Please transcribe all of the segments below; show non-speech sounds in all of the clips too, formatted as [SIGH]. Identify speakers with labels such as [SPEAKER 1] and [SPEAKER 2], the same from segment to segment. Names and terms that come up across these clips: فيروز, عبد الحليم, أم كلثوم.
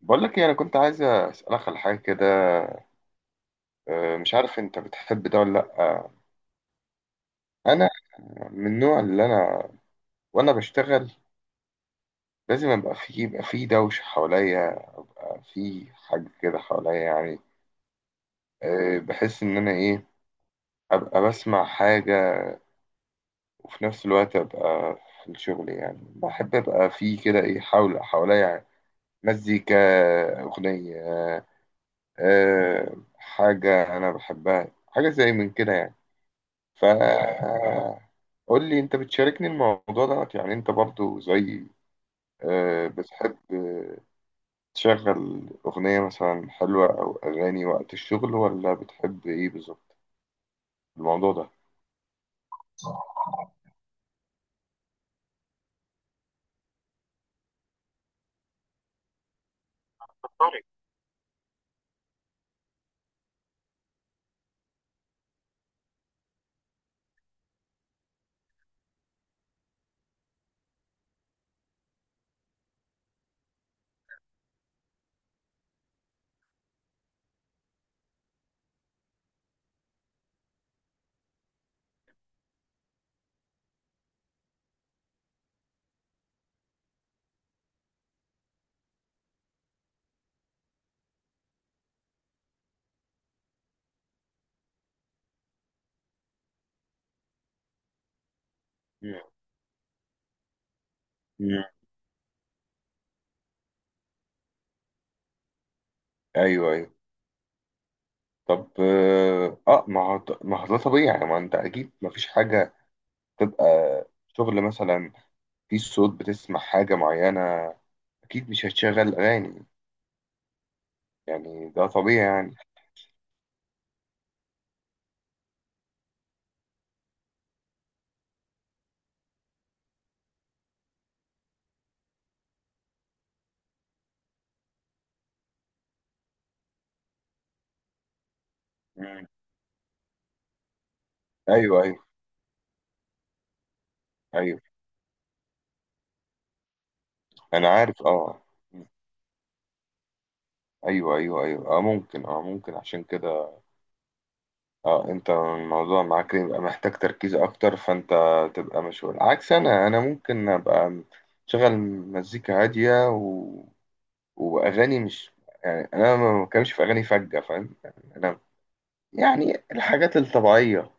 [SPEAKER 1] بقول لك ايه، انا كنت عايز اسالك على حاجه كده. مش عارف انت بتحب ده ولا لا. انا من النوع اللي انا وانا بشتغل لازم ابقى في، يبقى في دوشه حواليا، في حاجه كده حواليا يعني. بحس ان انا ايه، ابقى بسمع حاجه وفي نفس الوقت ابقى في الشغل، يعني بحب ابقى في كده ايه حول حواليا، مزيكا، اغنيه. حاجه انا بحبها، حاجه زي من كده يعني. ف قول لي، انت بتشاركني الموضوع دوت، يعني انت برضو زي، بتحب تشغل اغنية مثلا حلوة او اغاني وقت الشغل، ولا بتحب ايه بالظبط الموضوع ده؟ طارق. مم. مم. ايوه ايوه. طب، ما هو ده طبيعي يعني، ما انت اكيد ما فيش حاجة تبقى شغل مثلا في صوت بتسمع حاجة معينة، اكيد مش هتشغل اغاني يعني، ده طبيعي يعني. مم. ايوه ايوه ايوه، انا عارف. اه، ايوه ايوه ايوه، اه ممكن، عشان كده، اه، انت الموضوع معاك يبقى محتاج تركيز اكتر، فانت تبقى مشغول، عكس انا ممكن ابقى شغل مزيكا هاديه واغاني، مش يعني، انا ما بتكلمش في اغاني فجه، فاهم يعني، انا يعني الحاجات الطبيعيه،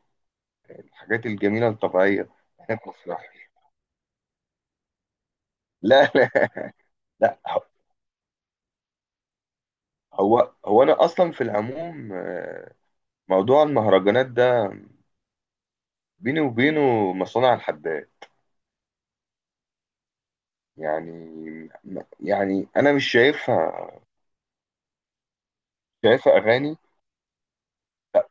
[SPEAKER 1] الحاجات الجميله الطبيعيه. احنا كنا في الرحلة. [LAUGHS] لا لا لا. هو انا اصلا في العموم، موضوع المهرجانات ده بيني وبينه مصانع الحداد، يعني، انا مش شايفها. شايفها اغاني. لا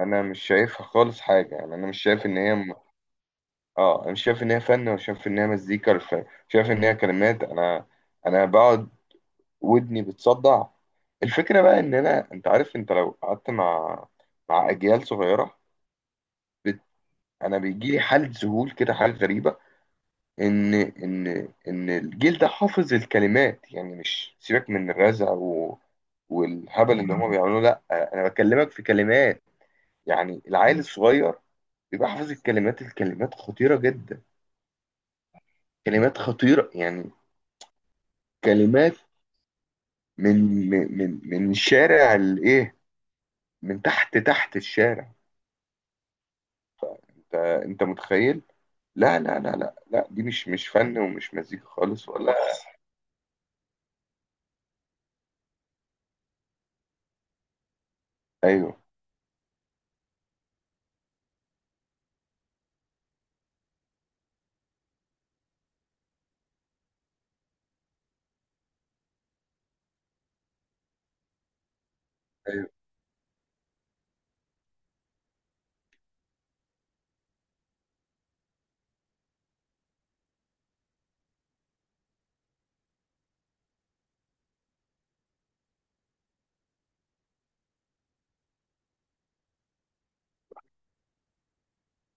[SPEAKER 1] انا مش شايفها خالص حاجه، يعني انا مش شايف ان هي. اه، انا مش شايف ان هي فن، ولا شايف ان هي مزيكا، ولا شايف ان هي كلمات. انا بقعد ودني بتصدع. الفكره بقى ان انا انت عارف، انت لو قعدت مع، اجيال صغيره. بت... انا بيجي لي حاله ذهول كده، حاله غريبه ان، الجيل ده حافظ الكلمات، يعني مش سيبك من الرزع والهبل اللي هما بيعملوه، لا، انا بكلمك في كلمات. يعني العيل الصغير بيبقى حافظ الكلمات، الكلمات خطيرة جدا. كلمات خطيرة يعني، كلمات من، شارع الايه، من تحت الشارع. انت متخيل؟ لا لا لا لا لا، دي مش فن ومش مزيكا خالص ولا. ايوه ايوه.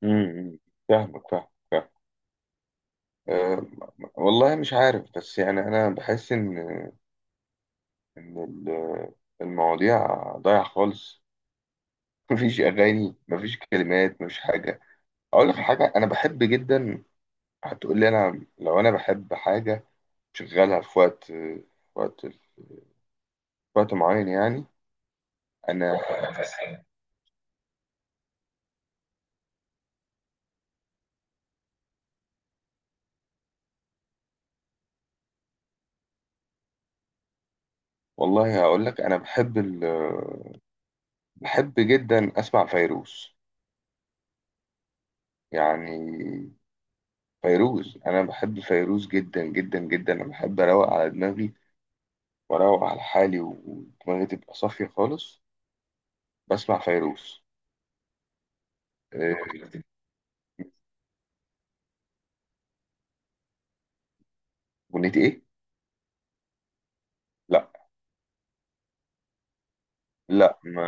[SPEAKER 1] امم فاهمك فاهمك. أه، والله مش عارف، بس يعني أنا بحس إن، إن ال- المواضيع ضايعة خالص. [LAUGHS] مفيش أغاني، مفيش كلمات، مفيش حاجة. أقول لك على حاجة أنا بحب جدا. هتقول لي أنا لو أنا بحب حاجة شغالها في وقت، في وقت في وقت معين يعني. أنا والله هقول لك، أنا بحب بحب جدا أسمع فيروز، يعني فيروز، أنا بحب فيروز جدا جدا جدا. أنا بحب أروق على دماغي وأروق على حالي ودماغي تبقى صافية خالص، بسمع فيروز. آه، أغنية إيه؟ لا لا، ما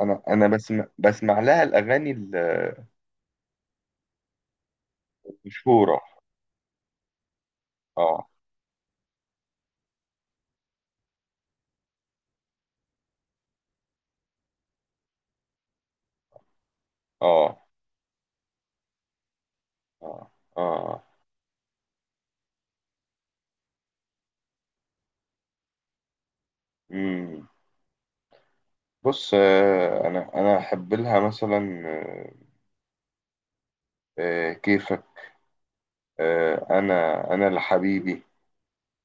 [SPEAKER 1] أنا بسمع لها الأغاني المشهورة. آه آه آه آه مم. بص، أنا أحب لها مثلا، كيفك، أنا لحبيبي،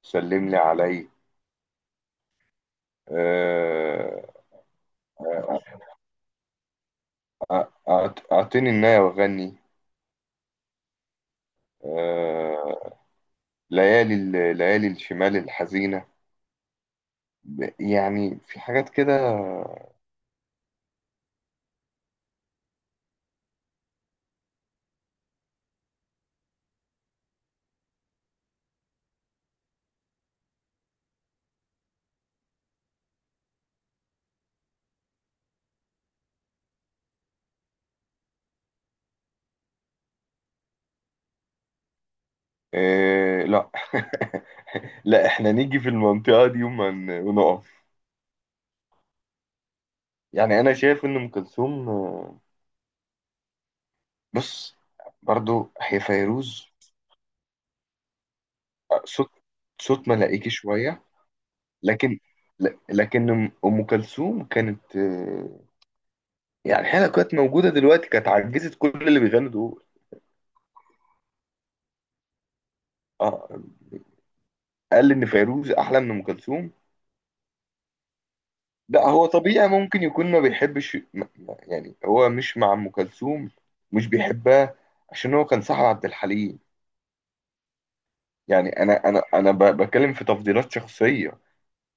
[SPEAKER 1] سلم لي علي، آه، آه، أعطيني النايه وغني، ليالي الشمال الحزينة. يعني في حاجات كده. لا. [LAUGHS] لا، احنا نيجي في المنطقة دي وما ونقف. يعني انا شايف ان ام كلثوم، بص، برضو هي فيروز، آه، صوت صوت ملائكي شوية. لكن لكن أم كلثوم كانت، يعني هي لو كانت موجودة دلوقتي كانت عجزت كل اللي بيغنوا دول. اه، قال ان فيروز احلى من ام كلثوم. لا هو طبيعي، ممكن يكون ما بيحبش، يعني هو مش مع ام كلثوم، مش بيحبها، عشان هو كان صاحب عبد الحليم. يعني بتكلم في تفضيلات شخصيه،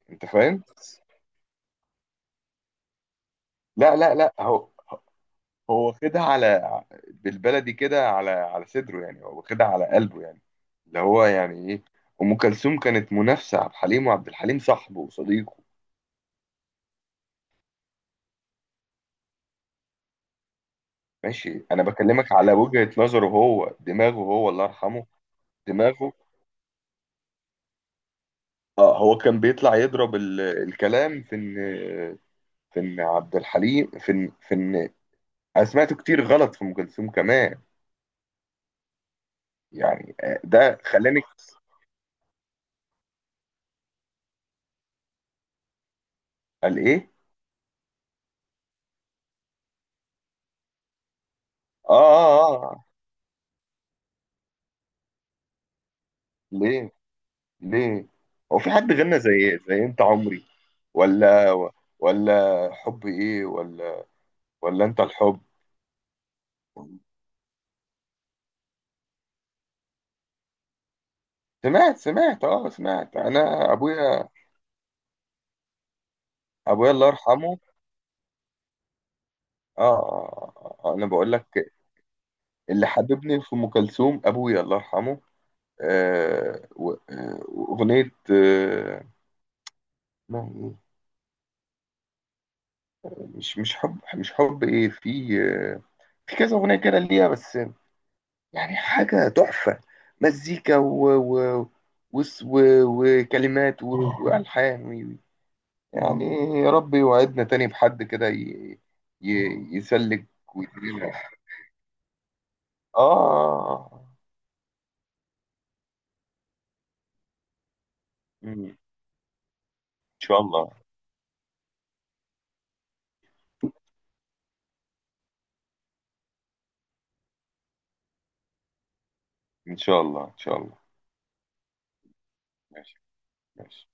[SPEAKER 1] انت فاهم. لا لا لا، هو واخدها على، بالبلدي كده، على صدره، يعني هو واخدها على قلبه يعني، اللي هو يعني ايه، ام كلثوم كانت منافسه عبد الحليم، وعبد الحليم صاحبه وصديقه. ماشي، انا بكلمك على وجهه نظره هو، دماغه هو الله يرحمه، دماغه. اه، هو كان بيطلع يضرب الكلام في ان، عبد الحليم، في ان في ان انا سمعته كتير غلط في ام كلثوم كمان. يعني ده خلاني. قال ايه؟ اه اه اه، ليه؟ ليه؟ هو في حد غنى زي إيه؟ زي انت عمري، ولا ولا حب ايه، ولا انت الحب؟ سمعت، انا ابويا، ابويا الله يرحمه. اه، انا بقول لك، اللي حببني في ام كلثوم ابويا الله يرحمه. وأغنية، اسمها إيه؟ مش حب إيه، في، آه، في كذا أغنية كده ليها بس، يعني حاجة تحفة، مزيكا وس- و- وكلمات وألحان يعني. يا رب يوعدنا تاني بحد كده، يسلك ويدينا. آه، آه. إن شاء الله إن شاء الله إن شاء الله. ماشي ماشي.